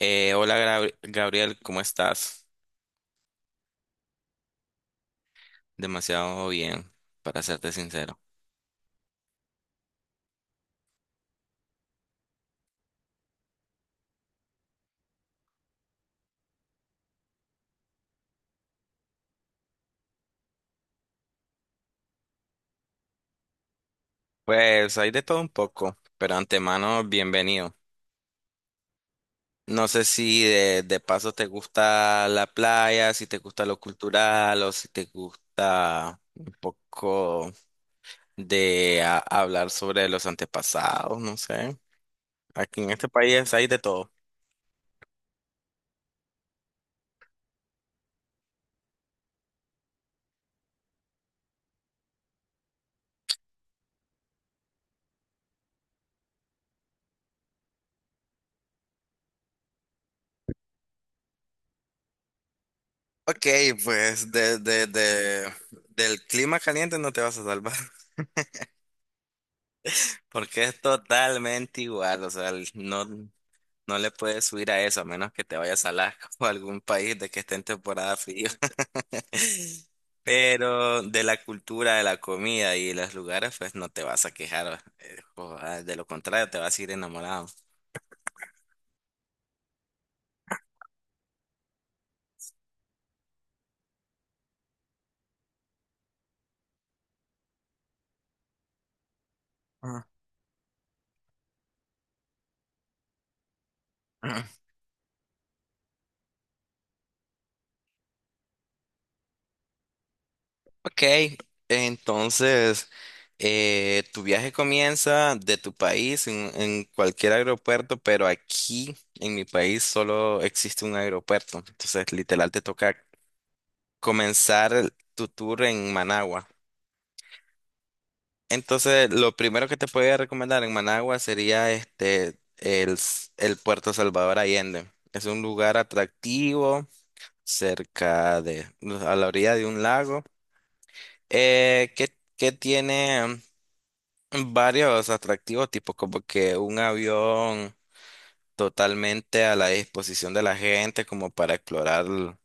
Hola Gabriel, ¿cómo estás? Demasiado bien, para serte sincero. Pues hay de todo un poco, pero antemano, bienvenido. No sé si de paso te gusta la playa, si te gusta lo cultural o si te gusta un poco hablar sobre los antepasados, no sé. Aquí en este país hay de todo. Ok, pues del clima caliente no te vas a salvar. Porque es totalmente igual, o sea, no, no le puedes subir a eso, a menos que te vayas a Alaska o a algún país de que esté en temporada frío. Pero de la cultura, de la comida y los lugares, pues no te vas a quejar, de lo contrario, te vas a ir enamorado. Ah. Ok, entonces tu viaje comienza de tu país en cualquier aeropuerto, pero aquí en mi país solo existe un aeropuerto. Entonces, literal, te toca comenzar tu tour en Managua. Entonces, lo primero que te podría recomendar en Managua sería el Puerto Salvador Allende. Es un lugar atractivo cerca de, a la orilla de un lago, que tiene varios atractivos, tipo como que un avión totalmente a la disposición de la gente, como para explorar l-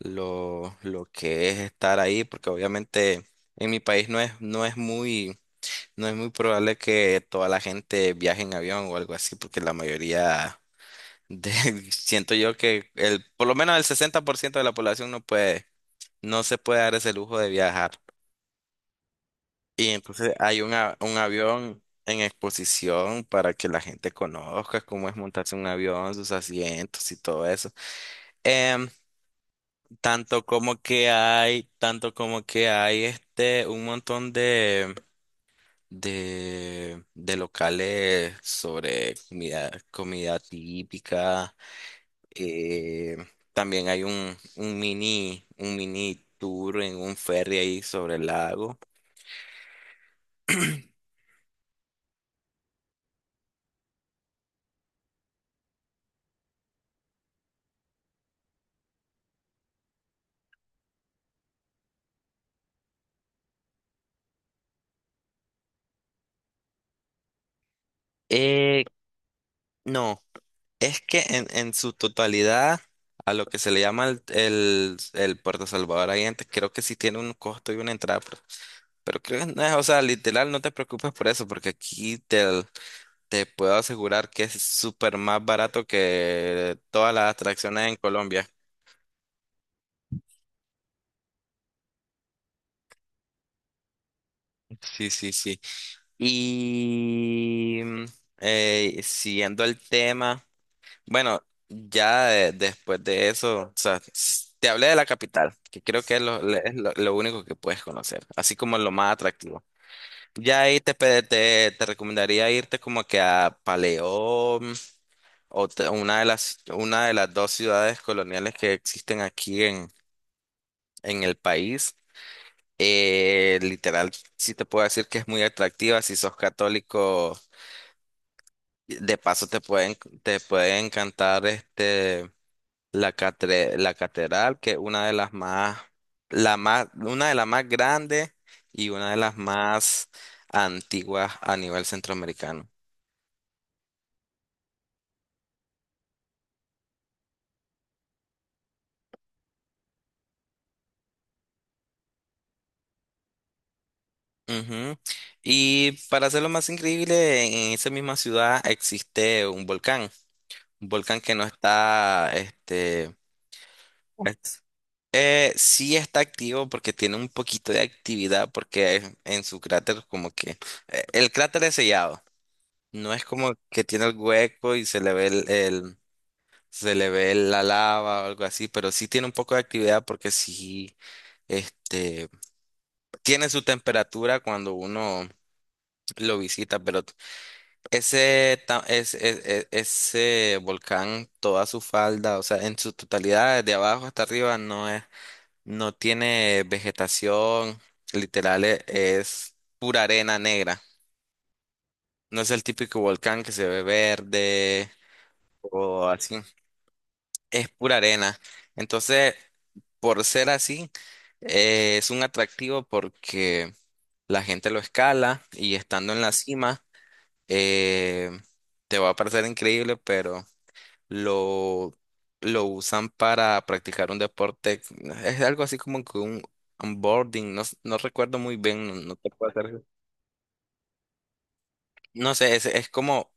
lo, lo que es estar ahí, porque obviamente en mi país no es muy probable que toda la gente viaje en avión o algo así, porque la mayoría de, siento yo que por lo menos el 60% de la población no se puede dar ese lujo de viajar. Y entonces hay un avión en exposición para que la gente conozca cómo es montarse un avión, sus asientos y todo eso. Em, tanto como que hay un montón de locales sobre comida típica. Eh, también hay un mini tour en un ferry ahí sobre el lago. Eh, no. Es que en su totalidad, a lo que se le llama el Puerto Salvador ahí antes, creo que sí tiene un costo y una entrada, pero creo que no es, o sea, literal, no te preocupes por eso, porque aquí te puedo asegurar que es súper más barato que todas las atracciones en Colombia. Sí, sí, sí. Y siguiendo el tema. Bueno, ya después de eso, o sea, te hablé de la capital, que creo que es es lo único que puedes conocer, así como lo más atractivo. Ya ahí te recomendaría irte como que a Paleón una de las dos ciudades coloniales que existen aquí en el país. Literal, sí te puedo decir que es muy atractiva si sos católico. De paso te puede encantar. La catedral, que es una de las más grandes y una de las más antiguas a nivel centroamericano. Ujú. Y para hacerlo más increíble, en esa misma ciudad existe un volcán, que no está, es- sí está activo porque tiene un poquito de actividad porque en su cráter como que el cráter es sellado, no es como que tiene el hueco y se le ve el, se le ve la lava o algo así, pero sí tiene un poco de actividad porque sí, este, tiene su temperatura cuando uno lo visita, pero ese, ta- es- ese volcán, toda su falda, o sea, en su totalidad, de abajo hasta arriba, no tiene vegetación, literal es pura arena negra. No es el típico volcán que se ve verde o así. Es pura arena. Entonces, por ser así, es un atractivo porque la gente lo escala y estando en la cima, eh, te va a parecer increíble, pero lo, lo usan para practicar un deporte. Es algo así como que un onboarding, no recuerdo muy bien, no, no te puedo hacer. No sé, es como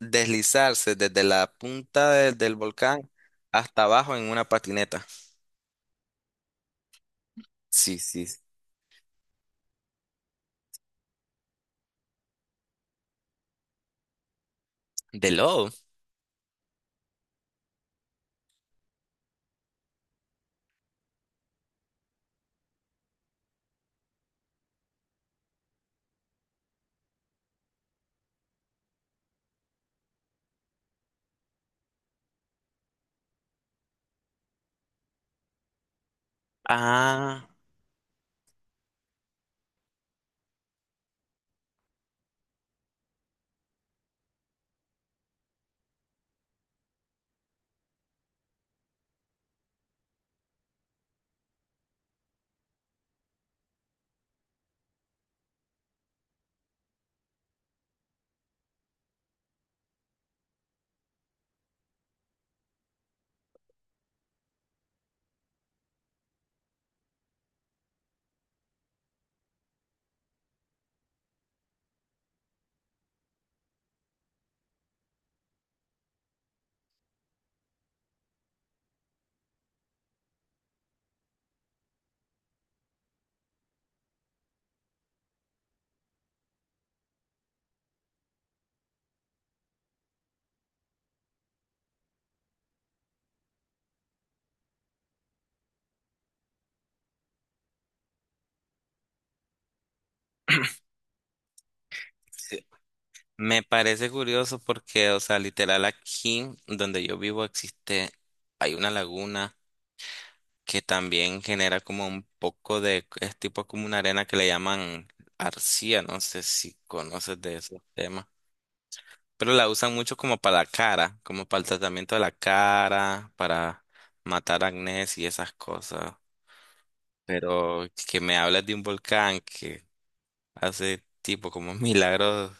deslizarse desde la punta del volcán hasta abajo en una patineta. Sí, sí. De lodo. Ah, sí, me parece curioso porque, o sea, literal aquí donde yo vivo hay una laguna que también genera como un poco es tipo como una arena que le llaman arcilla, no sé si conoces de esos temas, pero la usan mucho como para la cara, como para el tratamiento de la cara, para matar acné y esas cosas, pero que me hables de un volcán que hace tipo como milagros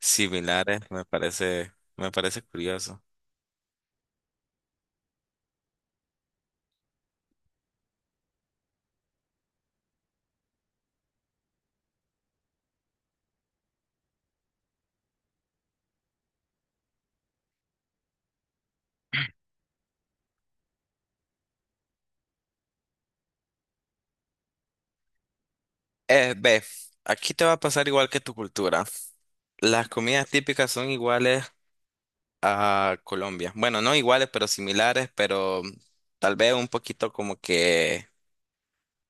similares, me parece curioso. Ve, aquí te va a pasar igual que tu cultura. Las comidas típicas son iguales a Colombia. Bueno, no iguales, pero similares, pero tal vez un poquito como que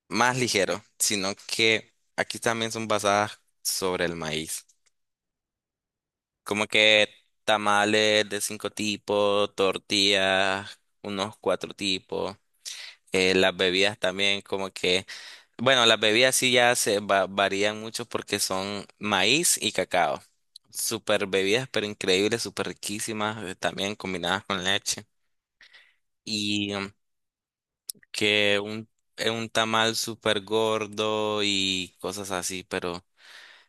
más ligero, sino que aquí también son basadas sobre el maíz. Como que tamales de 5 tipos, tortillas, unos 4 tipos. Las bebidas también como que Bueno, las bebidas sí ya varían mucho porque son maíz y cacao. Super bebidas, pero increíbles, súper riquísimas, también combinadas con leche. Y que un, un tamal súper gordo y cosas así, pero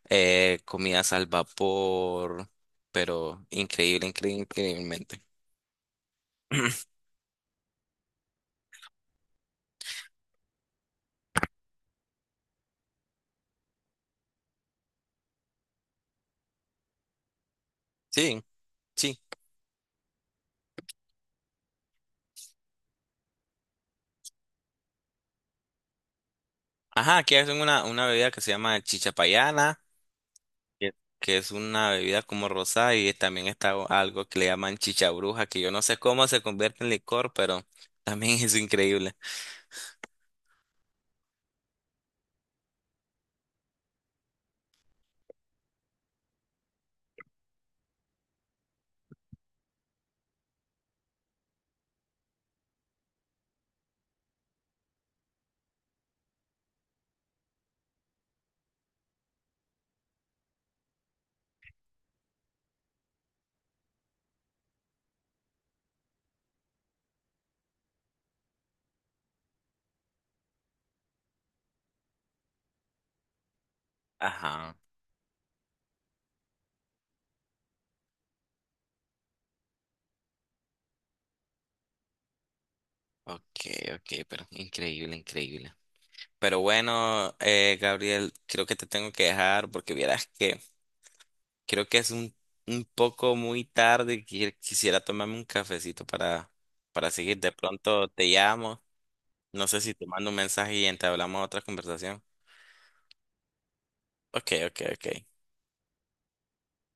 comidas al vapor, pero increíble, increíble, increíblemente. Sí, sí. Ajá, aquí hacen una bebida que se llama chichapayana que que es una bebida como rosada y también está algo que le llaman chicha bruja, que yo no sé cómo se convierte en licor, pero también es increíble. Ajá, ok, ok, pero increíble, increíble. Pero bueno, Gabriel, creo que te tengo que dejar porque vieras que creo que es un poco muy tarde y quisiera tomarme un cafecito para seguir. De pronto te llamo, no sé si te mando un mensaje y entablamos otra conversación. Ok, ok, ok.